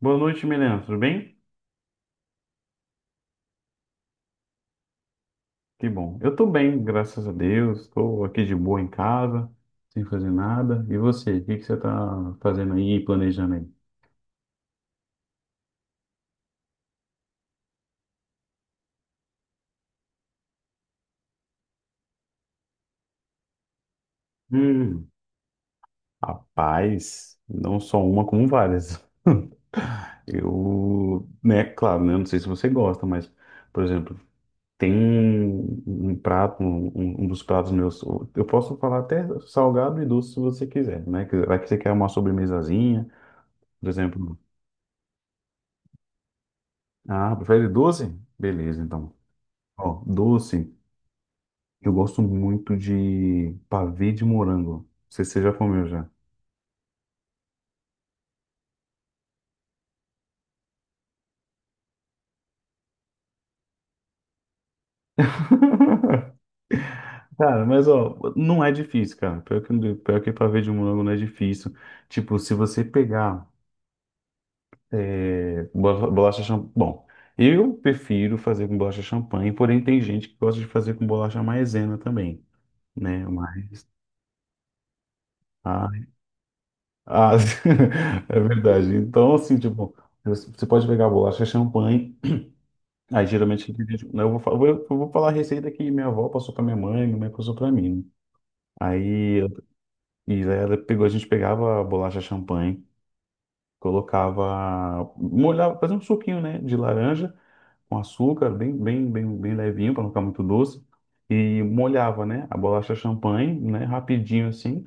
Boa noite, Milena. Tudo bem? Que bom. Eu tô bem, graças a Deus. Estou aqui de boa em casa, sem fazer nada. E você? O que que você tá fazendo aí, e planejando aí? Hum, Rapaz, não só uma, como várias. Eu, né, claro, né? Não sei se você gosta, mas, por exemplo, tem um prato, um dos pratos meus. Eu posso falar até salgado e doce se você quiser, né? Vai que você quer uma sobremesazinha, por exemplo. Ah, prefere doce? Beleza, então. Ó, doce, eu gosto muito de pavê de morango. Não sei se você já comeu já. Cara, mas ó, não é difícil, cara. Pior que pavê de morango não é difícil. Tipo, se você pegar bolacha champanhe. Bom, eu prefiro fazer com bolacha champanhe, porém tem gente que gosta de fazer com bolacha maisena também, né? Mas. Ah, ah, é verdade. Então, assim, tipo, você pode pegar bolacha champanhe. Aí geralmente, né, eu vou, fa- eu vou falar a receita que minha avó passou para minha mãe passou para mim. Né? Aí eu- e daí ela pegou, a gente pegava a bolacha champanhe, colocava, molhava, fazia um suquinho, né, de laranja com açúcar, bem, bem, bem, bem levinho para não ficar muito doce, e molhava, né, a bolacha champanhe, né, rapidinho assim,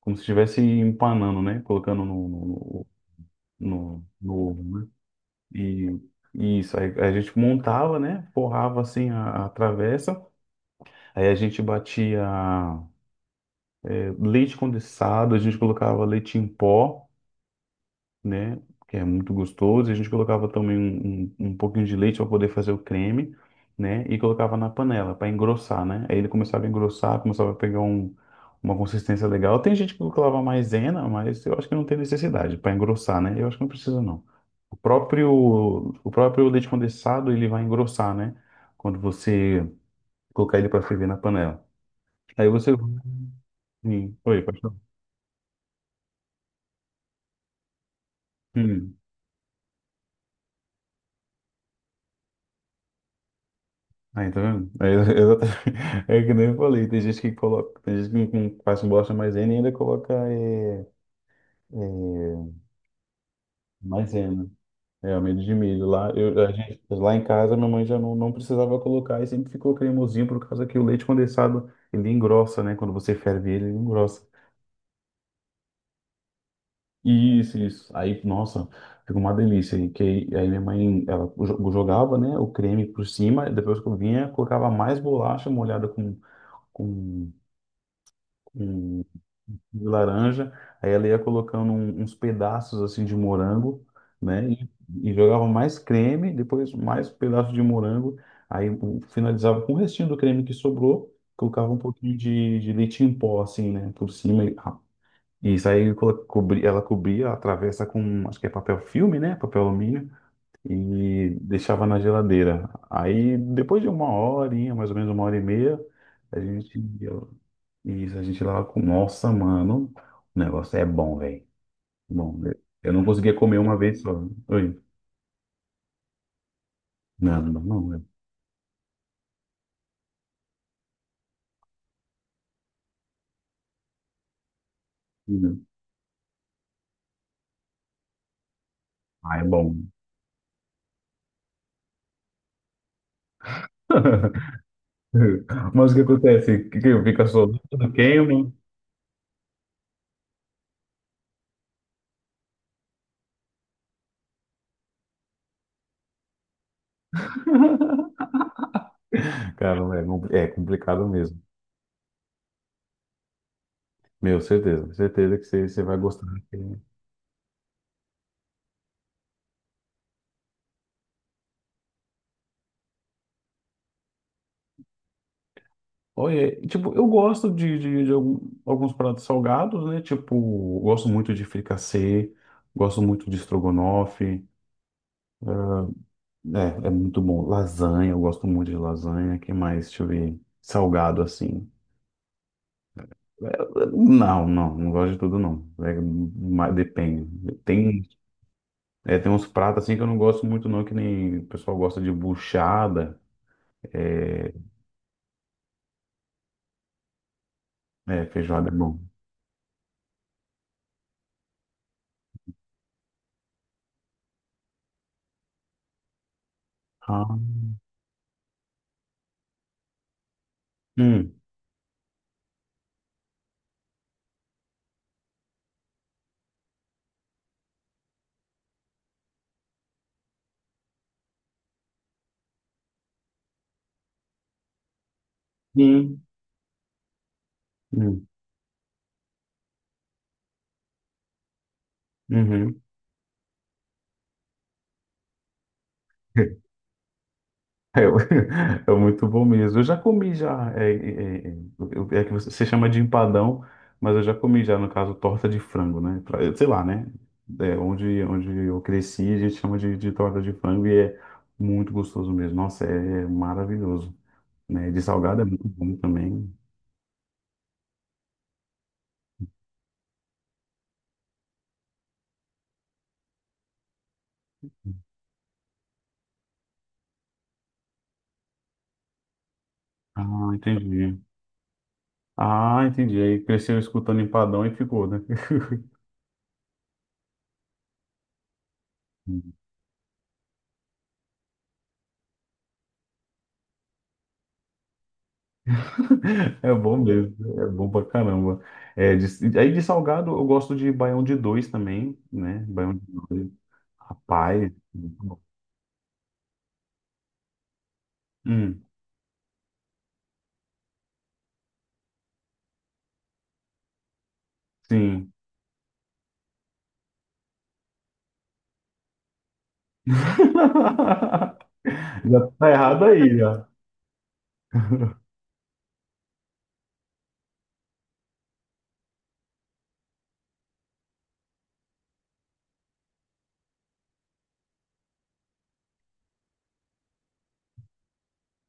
como se estivesse empanando, né, colocando no ovo, né? E e isso aí a gente montava, né, forrava assim a travessa. Aí a gente batia leite condensado, a gente colocava leite em pó, né? Que é muito gostoso. E a gente colocava também um pouquinho de leite para poder fazer o creme, né? E colocava na panela para engrossar, né? Aí ele começava a engrossar, começava a pegar uma consistência legal. Tem gente que colocava maisena, mas eu acho que não tem necessidade para engrossar, né? Eu acho que não precisa, não. O próprio, o próprio leite condensado, ele vai engrossar, né? Quando você colocar ele para ferver na panela. Aí você Sim. Oi, pode falar. Hum. Aí, tá vendo? É que nem eu falei, tem gente que coloca, tem gente que com- faz bolacha maisena e ainda coloca é, maisena. É, amido de milho. Lá, a gente, lá em casa, minha mãe já não precisava colocar e sempre ficou cremosinho por causa que o leite condensado, ele engrossa, né? Quando você ferve ele, ele engrossa. Isso, isso. Aí, nossa, fica uma delícia. Aí minha mãe, ela jogava, né, o creme por cima, e depois que eu vinha, colocava mais bolacha molhada com com, com, de laranja, aí ela ia colocando uns pedaços assim de morango, né? E jogava mais creme, depois mais pedaço de morango, aí finalizava com o restinho do creme que sobrou, colocava um pouquinho de leite em pó assim, né? Por cima. E isso aí ela cobria a travessa com, acho que é papel filme, né? Papel alumínio. E deixava na geladeira. Aí, depois de uma horinha, mais ou menos uma hora e meia, a gente ia. Isso, a gente lá com. Nossa, mano, o negócio é bom, velho. Bom, velho. Eu não conseguia comer uma vez só. Oi. Não, não, não. Não. Ah, é bom. Mas o que acontece? Que fica solto, queima. Cara, é complicado mesmo. Meu, certeza, certeza que você vai gostar. Olha, tipo, eu gosto de alguns pratos salgados, né? Tipo, gosto muito de fricassê, gosto muito de estrogonofe. É, é muito bom. Lasanha, eu gosto muito de lasanha. Que mais? Deixa eu ver. Salgado, assim. Não, não, não gosto de tudo, não. É, mas depende. Tem uns pratos, assim, que eu não gosto muito, não. Que nem o pessoal gosta de buchada. É, feijoada é bom. Ah, hum, hum, hum, uhum. É, é muito bom mesmo. Eu já comi já. É que você chama de empadão, mas eu já comi já, no caso, torta de frango, né? Sei lá, né? É, onde eu cresci, a gente chama de, torta de frango e é muito gostoso mesmo. Nossa, é maravilhoso. Né? De salgado é muito bom também. Ah, entendi. Ah, entendi. Aí cresceu escutando empadão e ficou, né? É bom mesmo, é bom pra caramba. É, aí de salgado eu gosto de baião de dois também, né? Baião de dois. Rapaz. Muito bom. Hum, sim. Já tá errado aí, já.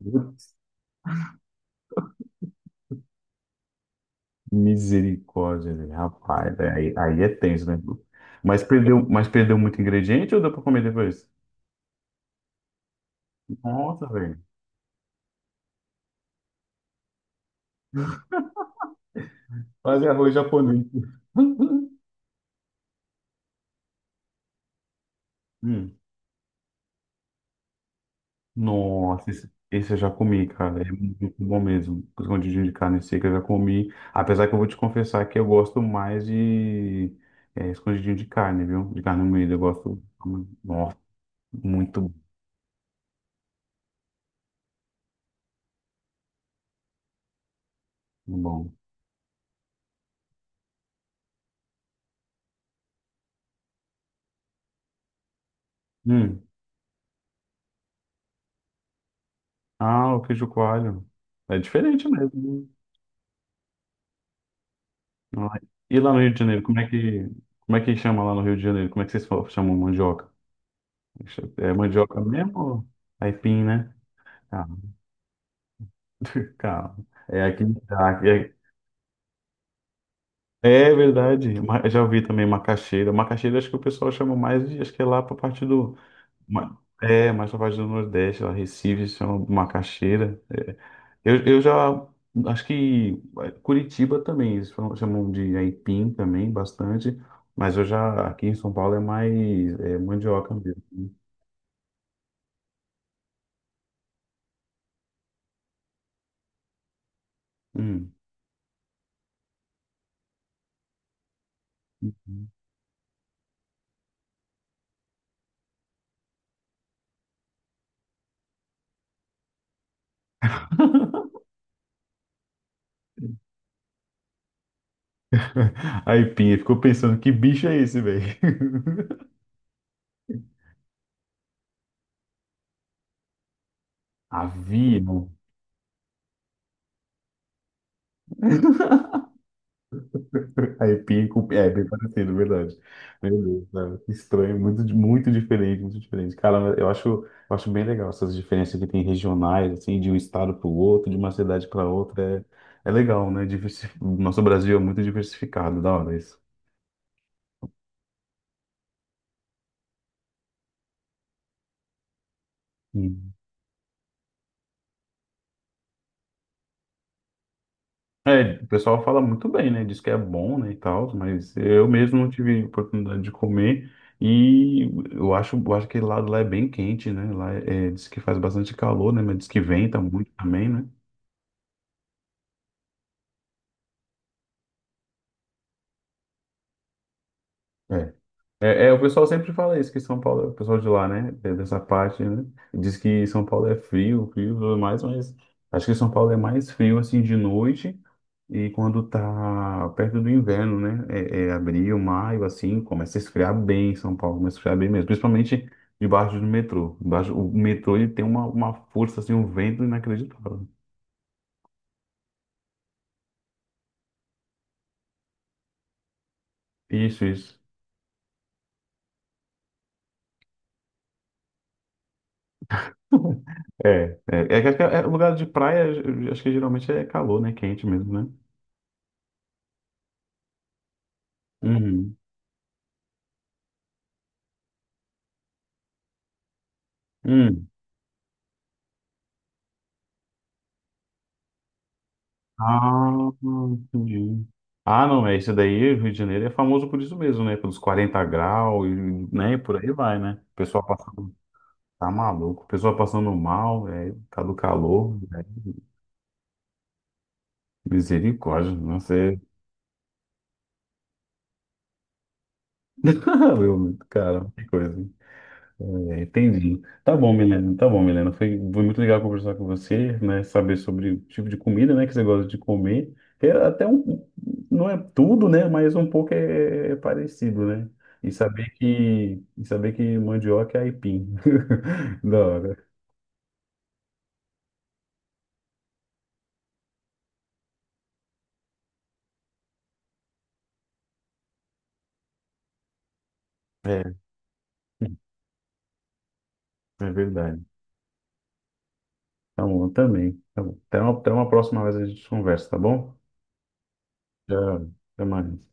Putz, misericórdia, velho. Rapaz. Aí é tenso, né? Mas perdeu muito ingrediente ou deu pra comer depois? Nossa, velho. Fazer arroz japonês. Hum. Nossa, esse eu já comi, cara. É muito bom mesmo. Os escondidinho de carne seca eu já comi. Apesar que eu vou te confessar que eu gosto mais de escondidinho de carne, viu? De carne moída. Eu gosto. Nossa, muito bom. Hum. Ah, o queijo coalho. É diferente mesmo, né? Ah, e lá no Rio de Janeiro, como é que chama lá no Rio de Janeiro? Como é que vocês chamam mandioca? É mandioca mesmo? Ou aipim, né? Calma. Calma. É aqui, É verdade. Já ouvi também macaxeira. Macaxeira acho que o pessoal chama mais de, acho que é lá para parte do, mais para parte do Nordeste, lá Recife se chama macaxeira. É. Eu já acho que Curitiba também eles chamam de aipim também bastante, mas eu já aqui em São Paulo é mais mandioca mesmo. Hum. Aipim, ficou pensando que bicho é esse, velho? Avião. É, bem parecido, verdade. Meu Deus, cara, que estranho, muito diferente, muito diferente. Cara, eu acho bem legal essas diferenças que tem regionais, assim, de um estado para o outro, de uma cidade para outra. É, é legal, né? O nosso Brasil é muito diversificado, da hora isso. Hum. É, o pessoal fala muito bem, né? Diz que é bom, né, e tal, mas eu mesmo não tive oportunidade de comer. E eu acho que lá é bem quente, né? Lá diz que faz bastante calor, né? Mas diz que venta muito também, né? É. É, o pessoal sempre fala isso, que São Paulo, o pessoal de lá, né, dessa parte, né, diz que São Paulo é frio, frio e tudo mais, mas acho que São Paulo é mais frio, assim, de noite e quando tá perto do inverno, né, é abril, maio, assim, começa a esfriar bem em São Paulo, começa a esfriar bem mesmo, principalmente debaixo do metrô. Debaixo, o metrô, ele tem uma força, assim, um vento inacreditável. Isso, isso. É, é, é, que acho que é lugar de praia, acho que geralmente é calor, né, quente mesmo, né? Uhum. Hum. Ah, entendi. Ah, não, é esse daí, Rio de Janeiro é famoso por isso mesmo, né? Pelos 40 graus, e, né? E por aí vai, né? O pessoal passando, tá maluco, o pessoal passando mal, tá do calor, misericórdia, não sei. Meu, cara, que coisa. É, entendi. Tá bom, Milena. Tá bom, Milena. Foi muito legal conversar com você, né? Saber sobre o tipo de comida, né, que você gosta de comer. É até um, não é tudo, né? Mas um pouco é parecido, né? E saber que mandioca é aipim. Da hora. É, é verdade. Tá bom, eu também. Tá bom. Até uma próxima vez a gente conversa, tá bom? Tchau. Até mais.